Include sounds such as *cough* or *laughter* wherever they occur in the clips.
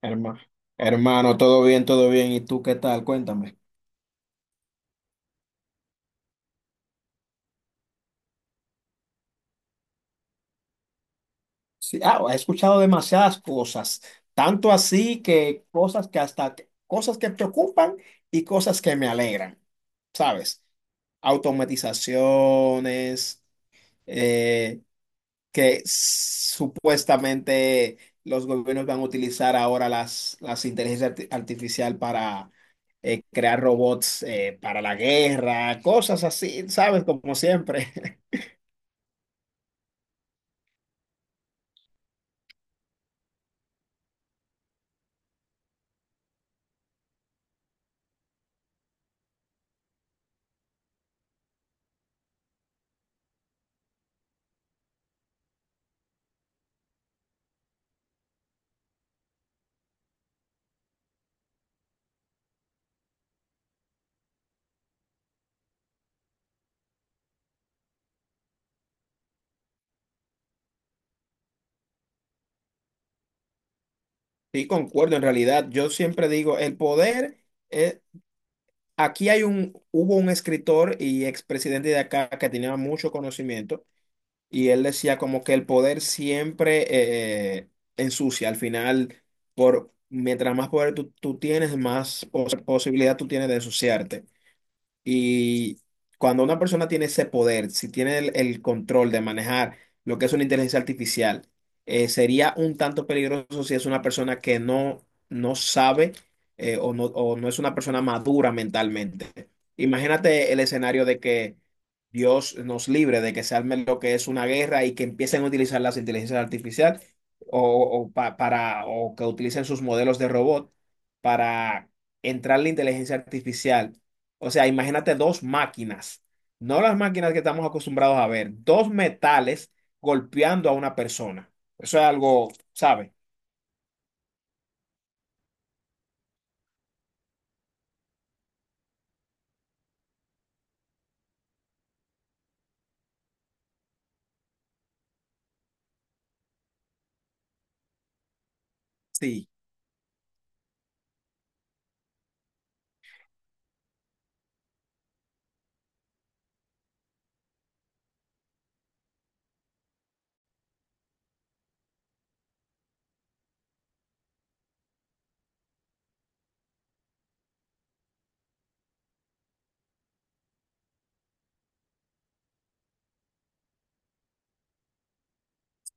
Hermano, hermano, todo bien, todo bien. ¿Y tú qué tal? Cuéntame. Sí, he escuchado demasiadas cosas, tanto así que cosas que hasta cosas que preocupan y cosas que me alegran, ¿sabes? Automatizaciones, eh, que supuestamente los gobiernos van a utilizar ahora las inteligencias artificial para crear robots para la guerra, cosas así, ¿sabes? Como siempre. *laughs* Sí, concuerdo, en realidad, yo siempre digo, el poder, eh, aquí hubo un escritor y expresidente de acá que tenía mucho conocimiento y él decía como que el poder siempre ensucia, al final, mientras más poder tú tienes, más posibilidad tú tienes de ensuciarte. Y cuando una persona tiene ese poder, si tiene el control de manejar lo que es una inteligencia artificial, sería un tanto peligroso si es una persona que no sabe o no es una persona madura mentalmente. Imagínate el escenario de que Dios nos libre de que se arme lo que es una guerra y que empiecen a utilizar las inteligencias artificiales para, o que utilicen sus modelos de robot para entrar la inteligencia artificial. O sea, imagínate dos máquinas, no las máquinas que estamos acostumbrados a ver, dos metales golpeando a una persona. Eso es algo, ¿sabe? Sí,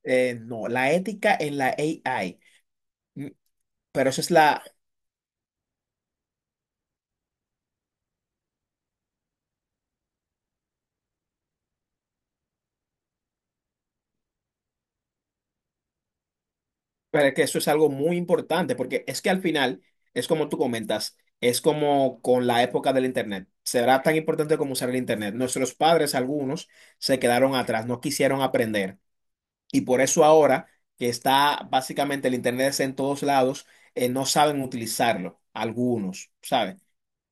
no, la ética en la AI, mm, pero eso es la, pero es que eso es algo muy importante, porque es que al final, es como tú comentas, es como con la época del Internet. Será tan importante como usar el Internet. Nuestros padres, algunos, se quedaron atrás, no quisieron aprender. Y por eso ahora que está básicamente el Internet está en todos lados, no saben utilizarlo, algunos, ¿saben?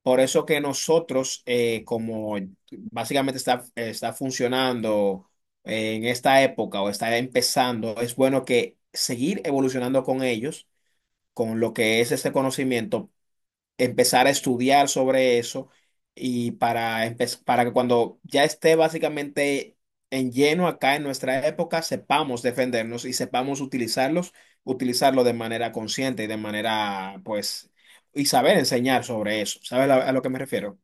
Por eso que nosotros, como básicamente está funcionando en esta época o está empezando, es bueno que seguir evolucionando con ellos, con lo que es ese conocimiento empezar a estudiar sobre eso y para que cuando ya esté básicamente en lleno acá en nuestra época, sepamos defendernos y sepamos utilizarlos, utilizarlo de manera consciente y de manera, pues, y saber enseñar sobre eso. ¿Sabes a lo que me refiero?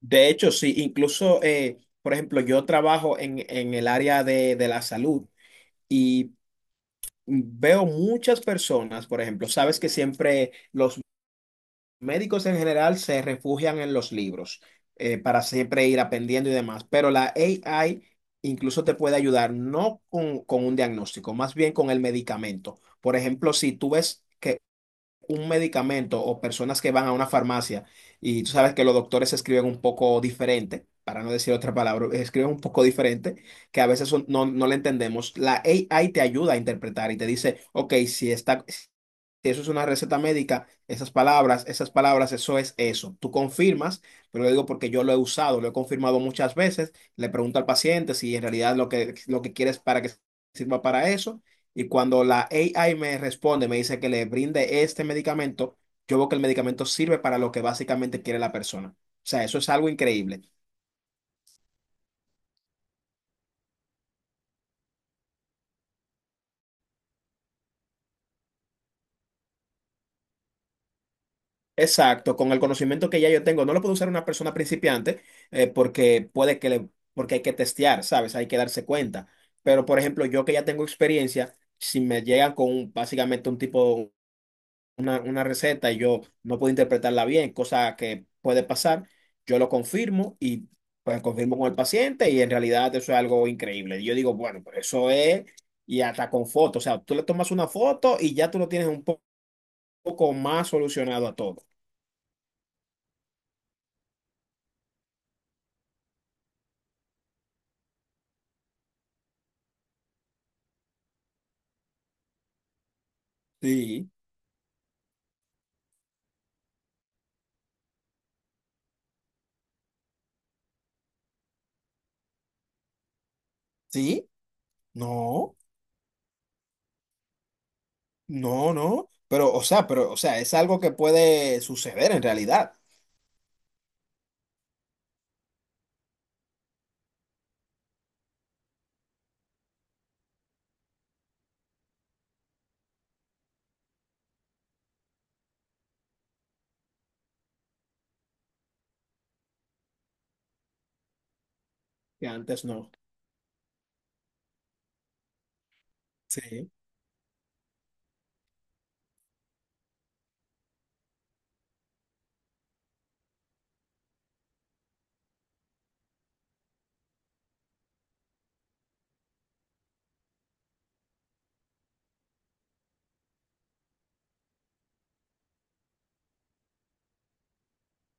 De hecho, sí, incluso, por ejemplo, yo trabajo en el área de la salud y veo muchas personas, por ejemplo, sabes que siempre los médicos en general se refugian en los libros para siempre ir aprendiendo y demás, pero la AI incluso te puede ayudar no con un diagnóstico, más bien con el medicamento. Por ejemplo, si tú ves que un medicamento o personas que van a una farmacia y tú sabes que los doctores escriben un poco diferente, para no decir otra palabra, escriben un poco diferente, que a veces no, no le entendemos. La AI te ayuda a interpretar y te dice, ok, si está, si eso es una receta médica, esas palabras, eso es eso. Tú confirmas, pero lo digo porque yo lo he usado, lo he confirmado muchas veces, le pregunto al paciente si en realidad lo que quieres para que sirva para eso y cuando la AI me responde, me dice que le brinde este medicamento, yo veo que el medicamento sirve para lo que básicamente quiere la persona. O sea, eso es algo increíble. Exacto, con el conocimiento que ya yo tengo, no lo puede usar una persona principiante porque porque hay que testear, ¿sabes? Hay que darse cuenta. Pero, por ejemplo, yo que ya tengo experiencia, si me llegan con básicamente un tipo una receta y yo no puedo interpretarla bien, cosa que puede pasar, yo lo confirmo y pues confirmo con el paciente y en realidad eso es algo increíble. Y yo digo, bueno, pues eso es, y hasta con fotos, o sea, tú le tomas una foto y ya tú lo tienes un poco más solucionado a todo. Sí, sí, no, no, no, pero o sea, es algo que puede suceder en realidad, que antes no. Sí.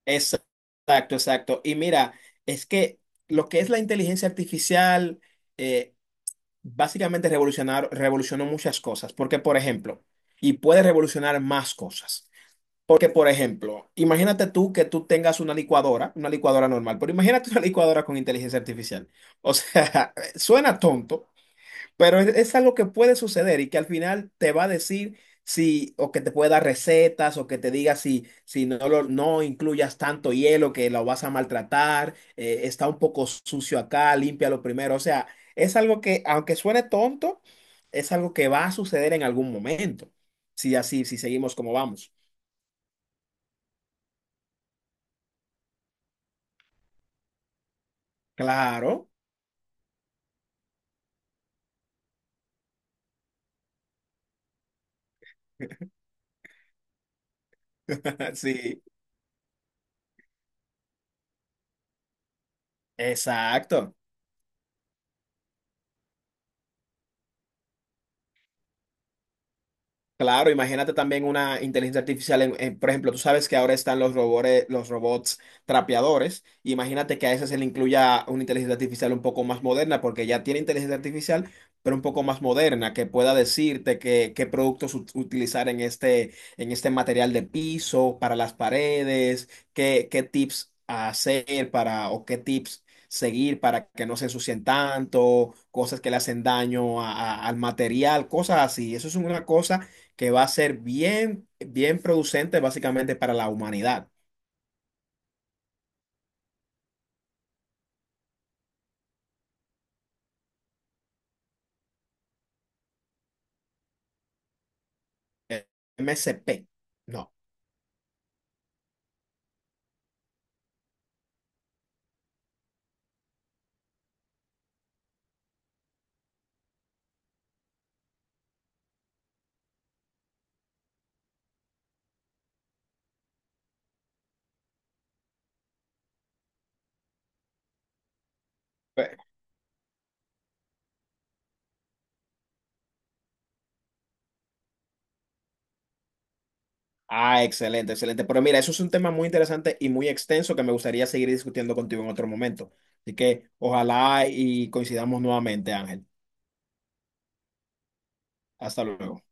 Exacto, exacto. Y mira, es que lo que es la inteligencia artificial eh, básicamente revolucionó muchas cosas, porque por ejemplo, y puede revolucionar más cosas. Porque por ejemplo, imagínate tú que tú tengas una licuadora normal, pero imagínate *laughs* una licuadora con inteligencia artificial. O sea, *laughs* suena tonto, pero es algo que puede suceder y que al final te va a decir si, o que te puede dar recetas, o que te diga si, si no, no incluyas tanto hielo que lo vas a maltratar, está un poco sucio acá, límpialo primero. O sea, es algo que, aunque suene tonto, es algo que va a suceder en algún momento. Si así, si seguimos como vamos. Claro, *laughs* sí, exacto. Claro, imagínate también una inteligencia artificial. Por ejemplo, tú sabes que ahora están los robores, los robots trapeadores. Imagínate que a ese se le incluya una inteligencia artificial un poco más moderna, porque ya tiene inteligencia artificial, pero un poco más moderna, que pueda decirte qué productos utilizar en este material de piso, para las paredes, qué, qué tips hacer para, o qué tips seguir para que no se ensucien tanto, cosas que le hacen daño al material, cosas así. Eso es una cosa que va a ser bien, bien producente básicamente para la humanidad. Eh, MSP. No. Eh, ah, excelente, excelente. Pero mira, eso es un tema muy interesante y muy extenso que me gustaría seguir discutiendo contigo en otro momento. Así que ojalá y coincidamos nuevamente, Ángel. Hasta luego.